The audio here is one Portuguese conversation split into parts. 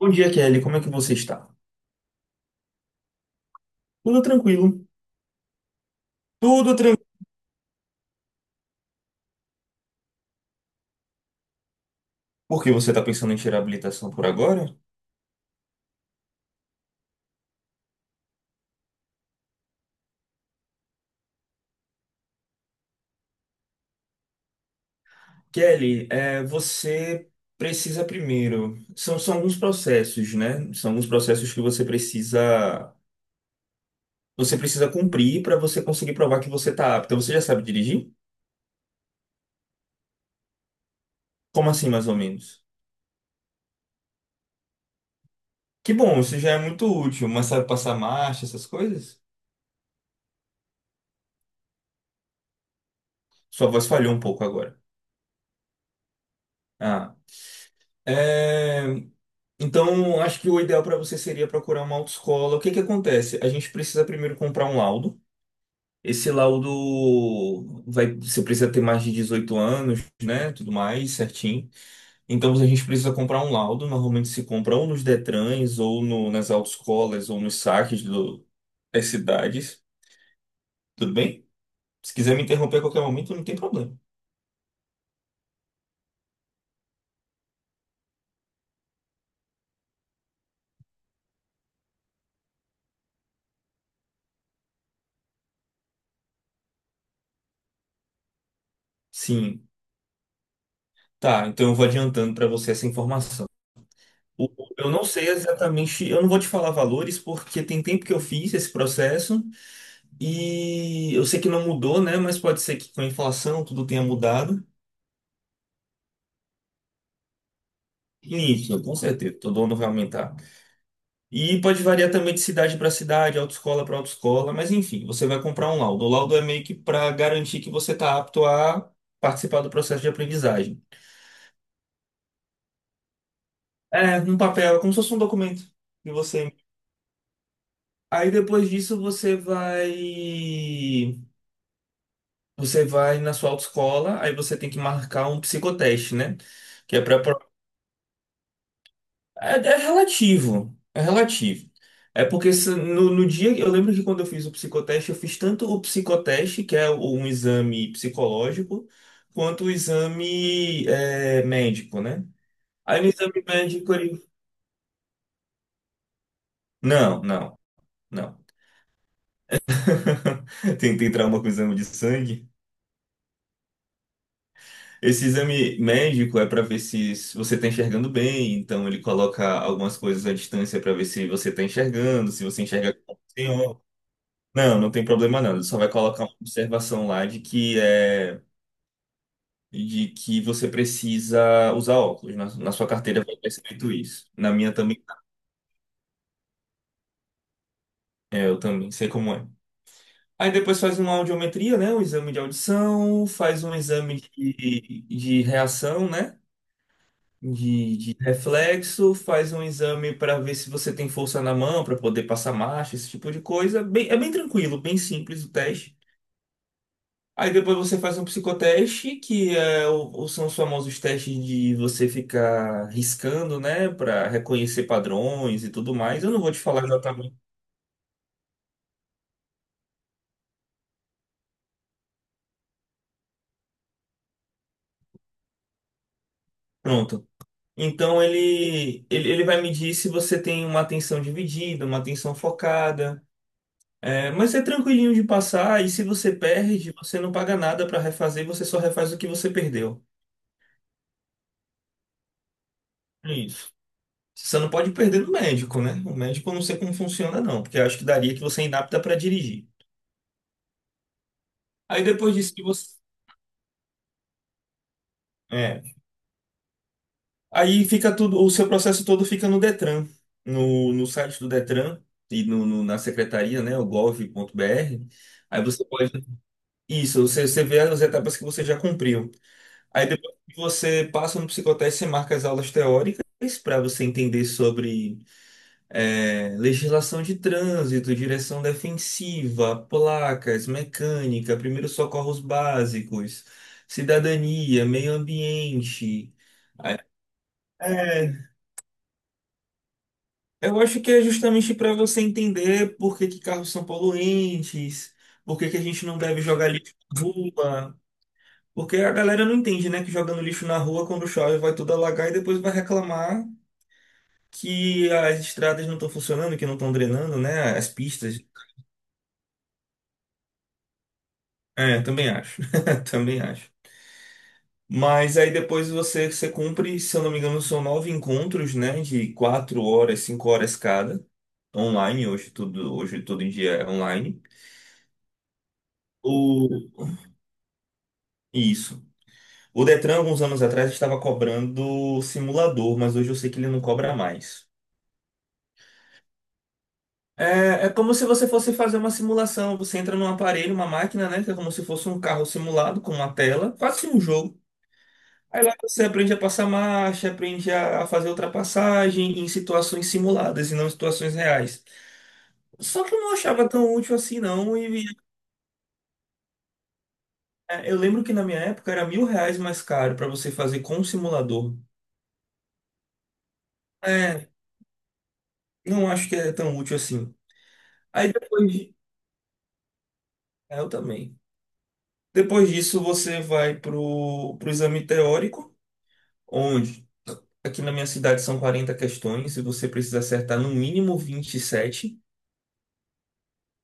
Bom dia, Kelly. Como é que você está? Tudo tranquilo. Tudo tranquilo. Por que você está pensando em tirar a habilitação por agora? Kelly, você precisa primeiro. São alguns processos, né? São alguns processos que você precisa. Você precisa cumprir para você conseguir provar que você está apta. Você já sabe dirigir? Como assim, mais ou menos? Que bom, isso já é muito útil, mas sabe passar marcha, essas coisas? Sua voz falhou um pouco agora. Ah. É. Então, acho que o ideal para você seria procurar uma autoescola. O que que acontece? A gente precisa primeiro comprar um laudo. Você precisa ter mais de 18 anos, né? Tudo mais, certinho. Então, a gente precisa comprar um laudo. Normalmente se compra ou nos Detrans, ou nas autoescolas, ou nos saques das cidades. Tudo bem? Se quiser me interromper a qualquer momento, não tem problema. Sim. Tá, então eu vou adiantando para você essa informação. O- Eu não sei exatamente, eu não vou te falar valores porque tem tempo que eu fiz esse processo e eu sei que não mudou, né? Mas pode ser que com a inflação tudo tenha mudado. Isso, com certeza, todo ano vai aumentar. E pode variar também de cidade para cidade, autoescola para autoescola, mas enfim, você vai comprar um laudo. O laudo é meio que para garantir que você está apto a participar do processo de aprendizagem. É, num papel, é como se fosse um documento que você. Aí depois disso você vai. Você vai na sua autoescola, aí você tem que marcar um psicoteste, né? Que é para é relativo, é relativo. É porque no dia, eu lembro que quando eu fiz o psicoteste, eu fiz tanto o psicoteste, que é um exame psicológico, quanto o exame médico, né? Aí no exame médico ele... Não, não, não. Tem trauma com o exame de sangue? Esse exame médico é para ver se você está enxergando bem, então ele coloca algumas coisas à distância para ver se você está enxergando, se você enxerga como tem óculos. Não, não tem problema não. Ele só vai colocar uma observação lá de que você precisa usar óculos. Na sua carteira vai estar escrito isso. Na minha também, eu também sei como é. Aí depois faz uma audiometria, né? Um exame de audição, faz um exame de reação, né? De reflexo, faz um exame para ver se você tem força na mão para poder passar marcha, esse tipo de coisa. É bem tranquilo, bem simples o teste. Aí depois você faz um psicoteste, que são os famosos testes de você ficar riscando, né, para reconhecer padrões e tudo mais. Eu não vou te falar exatamente. Pronto. Então ele vai medir se você tem uma atenção dividida, uma atenção focada. É, mas é tranquilinho de passar, e se você perde, você não paga nada para refazer, você só refaz o que você perdeu. É isso. Você não pode perder no médico, né? O médico eu não sei como funciona, não, porque eu acho que daria que você é inapta para dirigir. Aí depois disso que você. É. Aí fica tudo, o seu processo todo fica no Detran, no site do Detran e na secretaria, né? O gov.br. Aí você pode. Isso, você vê as etapas que você já cumpriu. Aí depois que você passa no psicoteste, você marca as aulas teóricas para você entender sobre legislação de trânsito, direção defensiva, placas, mecânica, primeiros socorros básicos, cidadania, meio ambiente. Aí- É, eu acho que é justamente para você entender por que que carros são poluentes, por que que a gente não deve jogar lixo na rua. Porque a galera não entende, né? Que jogando lixo na rua, quando chove, vai tudo alagar e depois vai reclamar que as estradas não estão funcionando, que não estão drenando, né? As pistas. É, também acho. Também acho. Mas aí depois você cumpre, se eu não me engano, são nove encontros, né? De 4 horas, 5 horas cada, online, hoje todo em dia é online. O... Isso. O Detran, alguns anos atrás, estava cobrando simulador, mas hoje eu sei que ele não cobra mais. É como se você fosse fazer uma simulação. Você entra num aparelho, uma máquina, né? Que é como se fosse um carro simulado com uma tela. Faz um jogo. Aí lá você aprende a passar marcha, aprende a fazer ultrapassagem em situações simuladas e não em situações reais. Só que eu não achava tão útil assim, não. E eu lembro que na minha época era R$ 1.000 mais caro para você fazer com o simulador. É, não acho que é tão útil assim. Aí depois, eu também. Depois disso, você vai pro exame teórico, onde aqui na minha cidade são 40 questões e você precisa acertar no mínimo 27.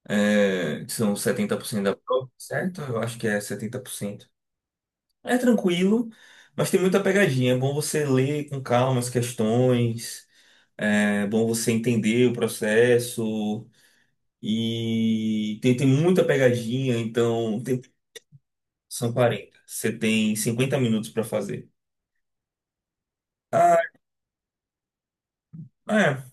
Que são 70% da prova, certo? Eu acho que é 70%. É tranquilo, mas tem muita pegadinha. É bom você ler com calma as questões, é bom você entender o processo. E tem muita pegadinha, são 40. Você tem 50 minutos para fazer. Ah, é.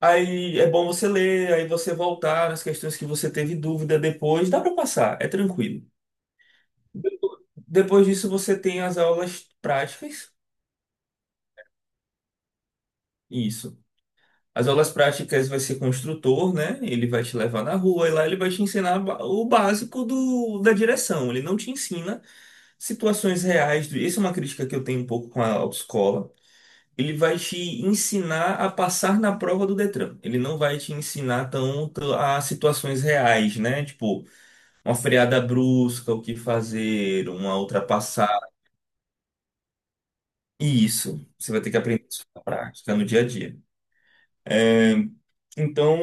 Aí é bom você ler, aí você voltar nas questões que você teve dúvida depois. Dá para passar, é tranquilo. Depo- Depois disso, você tem as aulas práticas. Isso. As aulas práticas vai ser com o instrutor, né? Ele vai te levar na rua e lá ele vai te ensinar o básico da direção. Ele não te ensina situações reais. Isso é uma crítica que eu tenho um pouco com a autoescola. Ele vai te ensinar a passar na prova do Detran. Ele não vai te ensinar tanto a situações reais, né? Tipo, uma freada brusca, o que fazer, uma ultrapassagem. E isso, você vai ter que aprender isso na prática, no dia a dia. É, então,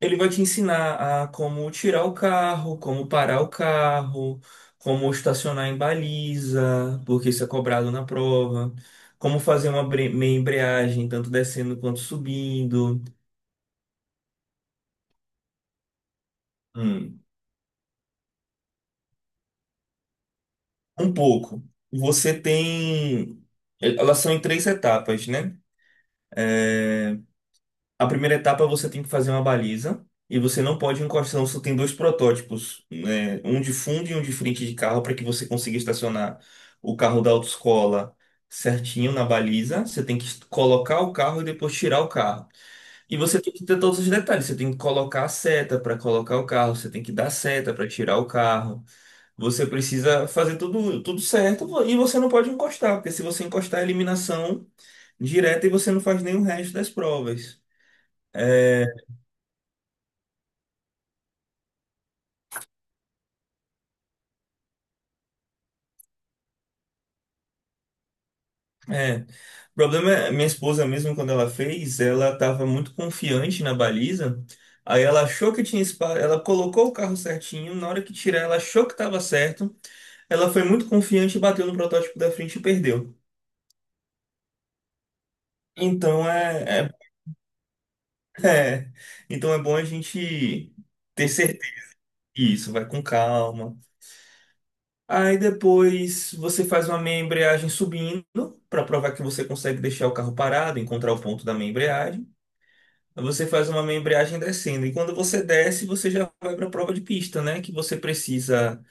ele vai te ensinar a como tirar o carro, como parar o carro, como estacionar em baliza, porque isso é cobrado na prova, como fazer uma meia embreagem, tanto descendo quanto subindo. Hum. Um pouco. Você tem. Elas são em três etapas, né? É. A primeira etapa é você tem que fazer uma baliza e você não pode encostar. Você tem dois protótipos, né? Um de fundo e um de frente de carro para que você consiga estacionar o carro da autoescola certinho na baliza. Você tem que colocar o carro e depois tirar o carro. E você tem que ter todos os detalhes. Você tem que colocar a seta para colocar o carro. Você tem que dar seta para tirar o carro. Você precisa fazer tudo, tudo certo e você não pode encostar, porque se você encostar é eliminação direta e você não faz nenhum resto das provas. É, é. O problema é, minha esposa mesmo, quando ela fez, ela estava muito confiante na baliza. Aí ela achou que tinha espaço, ela colocou o carro certinho, na hora que tirar, ela achou que estava certo. Ela foi muito confiante e bateu no protótipo da frente e perdeu. Então, é. Então é bom a gente ter certeza disso, vai com calma. Aí depois você faz uma meia embreagem subindo para provar que você consegue deixar o carro parado, encontrar o ponto da meia embreagem. Você faz uma embreagem descendo. E quando você desce, você já vai para a prova de pista, né? Que você precisa.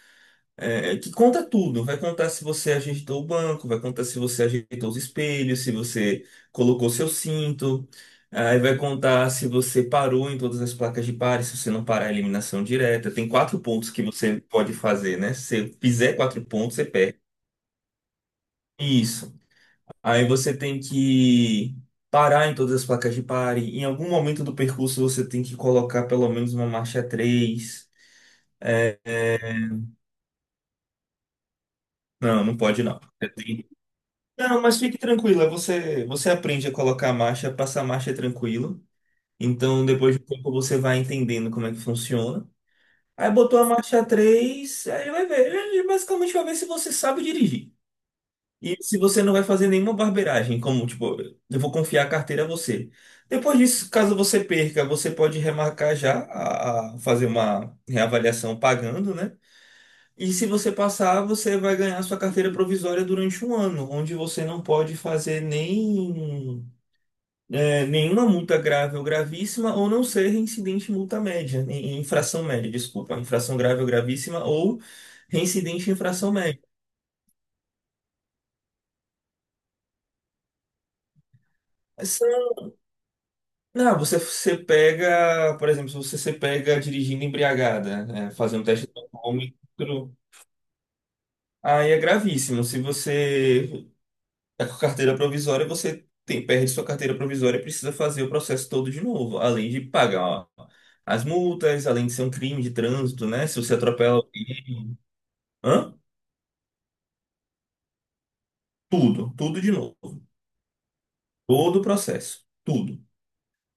Que conta tudo. Vai contar se você ajeitou o banco, vai contar se você ajeitou os espelhos, se você colocou seu cinto. Aí vai contar se você parou em todas as placas de pare, se você não parar a eliminação direta. Tem quatro pontos que você pode fazer, né? Se você fizer quatro pontos, você perde. Isso. Aí você tem que parar em todas as placas de pare. Em algum momento do percurso você tem que colocar pelo menos uma marcha 3. Não, não pode não. Não, mas fique tranquila, você aprende a colocar a marcha, passar a marcha tranquilo. Então depois de um pouco você vai entendendo como é que funciona. Aí botou a marcha 3, aí vai ver. Ele basicamente vai ver se você sabe dirigir. E se você não vai fazer nenhuma barbeiragem, como tipo, eu vou confiar a carteira a você. Depois disso, caso você perca, você pode remarcar já a fazer uma reavaliação pagando, né? E se você passar, você vai ganhar sua carteira provisória durante um ano, onde você não pode fazer nem, nenhuma multa grave ou gravíssima, ou não ser reincidente em multa média, em infração média, desculpa, infração grave ou gravíssima, ou reincidente em infração média. Não, você pega, por exemplo, se você se pega dirigindo embriagada, né, fazer um teste de alcoólmetro, aí é gravíssimo. Se você tá com carteira provisória, perde sua carteira provisória e precisa fazer o processo todo de novo, além de pagar as multas, além de ser um crime de trânsito, né? Se você atropela alguém, hã? Tudo, tudo de novo. Todo o processo, tudo.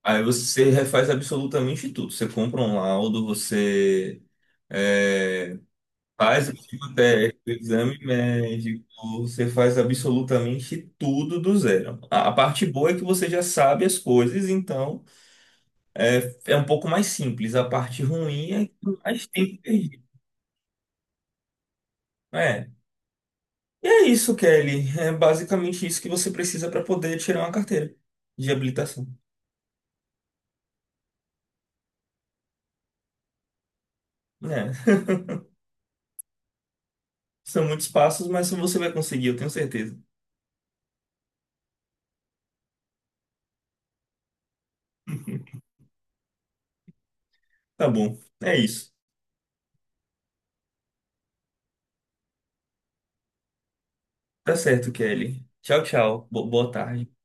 Aí você refaz absolutamente tudo. Você compra um laudo, você eh, faz, eu tive até o exame médico, você faz absolutamente tudo do zero. A parte boa é que você já sabe as coisas, então é um pouco mais simples. A parte ruim é que tem mais tempo perdido. É. E é isso, Kelly. É basicamente isso que você precisa para poder tirar uma carteira de habilitação. É. São muitos passos, mas você vai conseguir, eu tenho certeza. Tá bom. É isso. Tá certo, Kelly. Tchau, tchau. Boa tarde.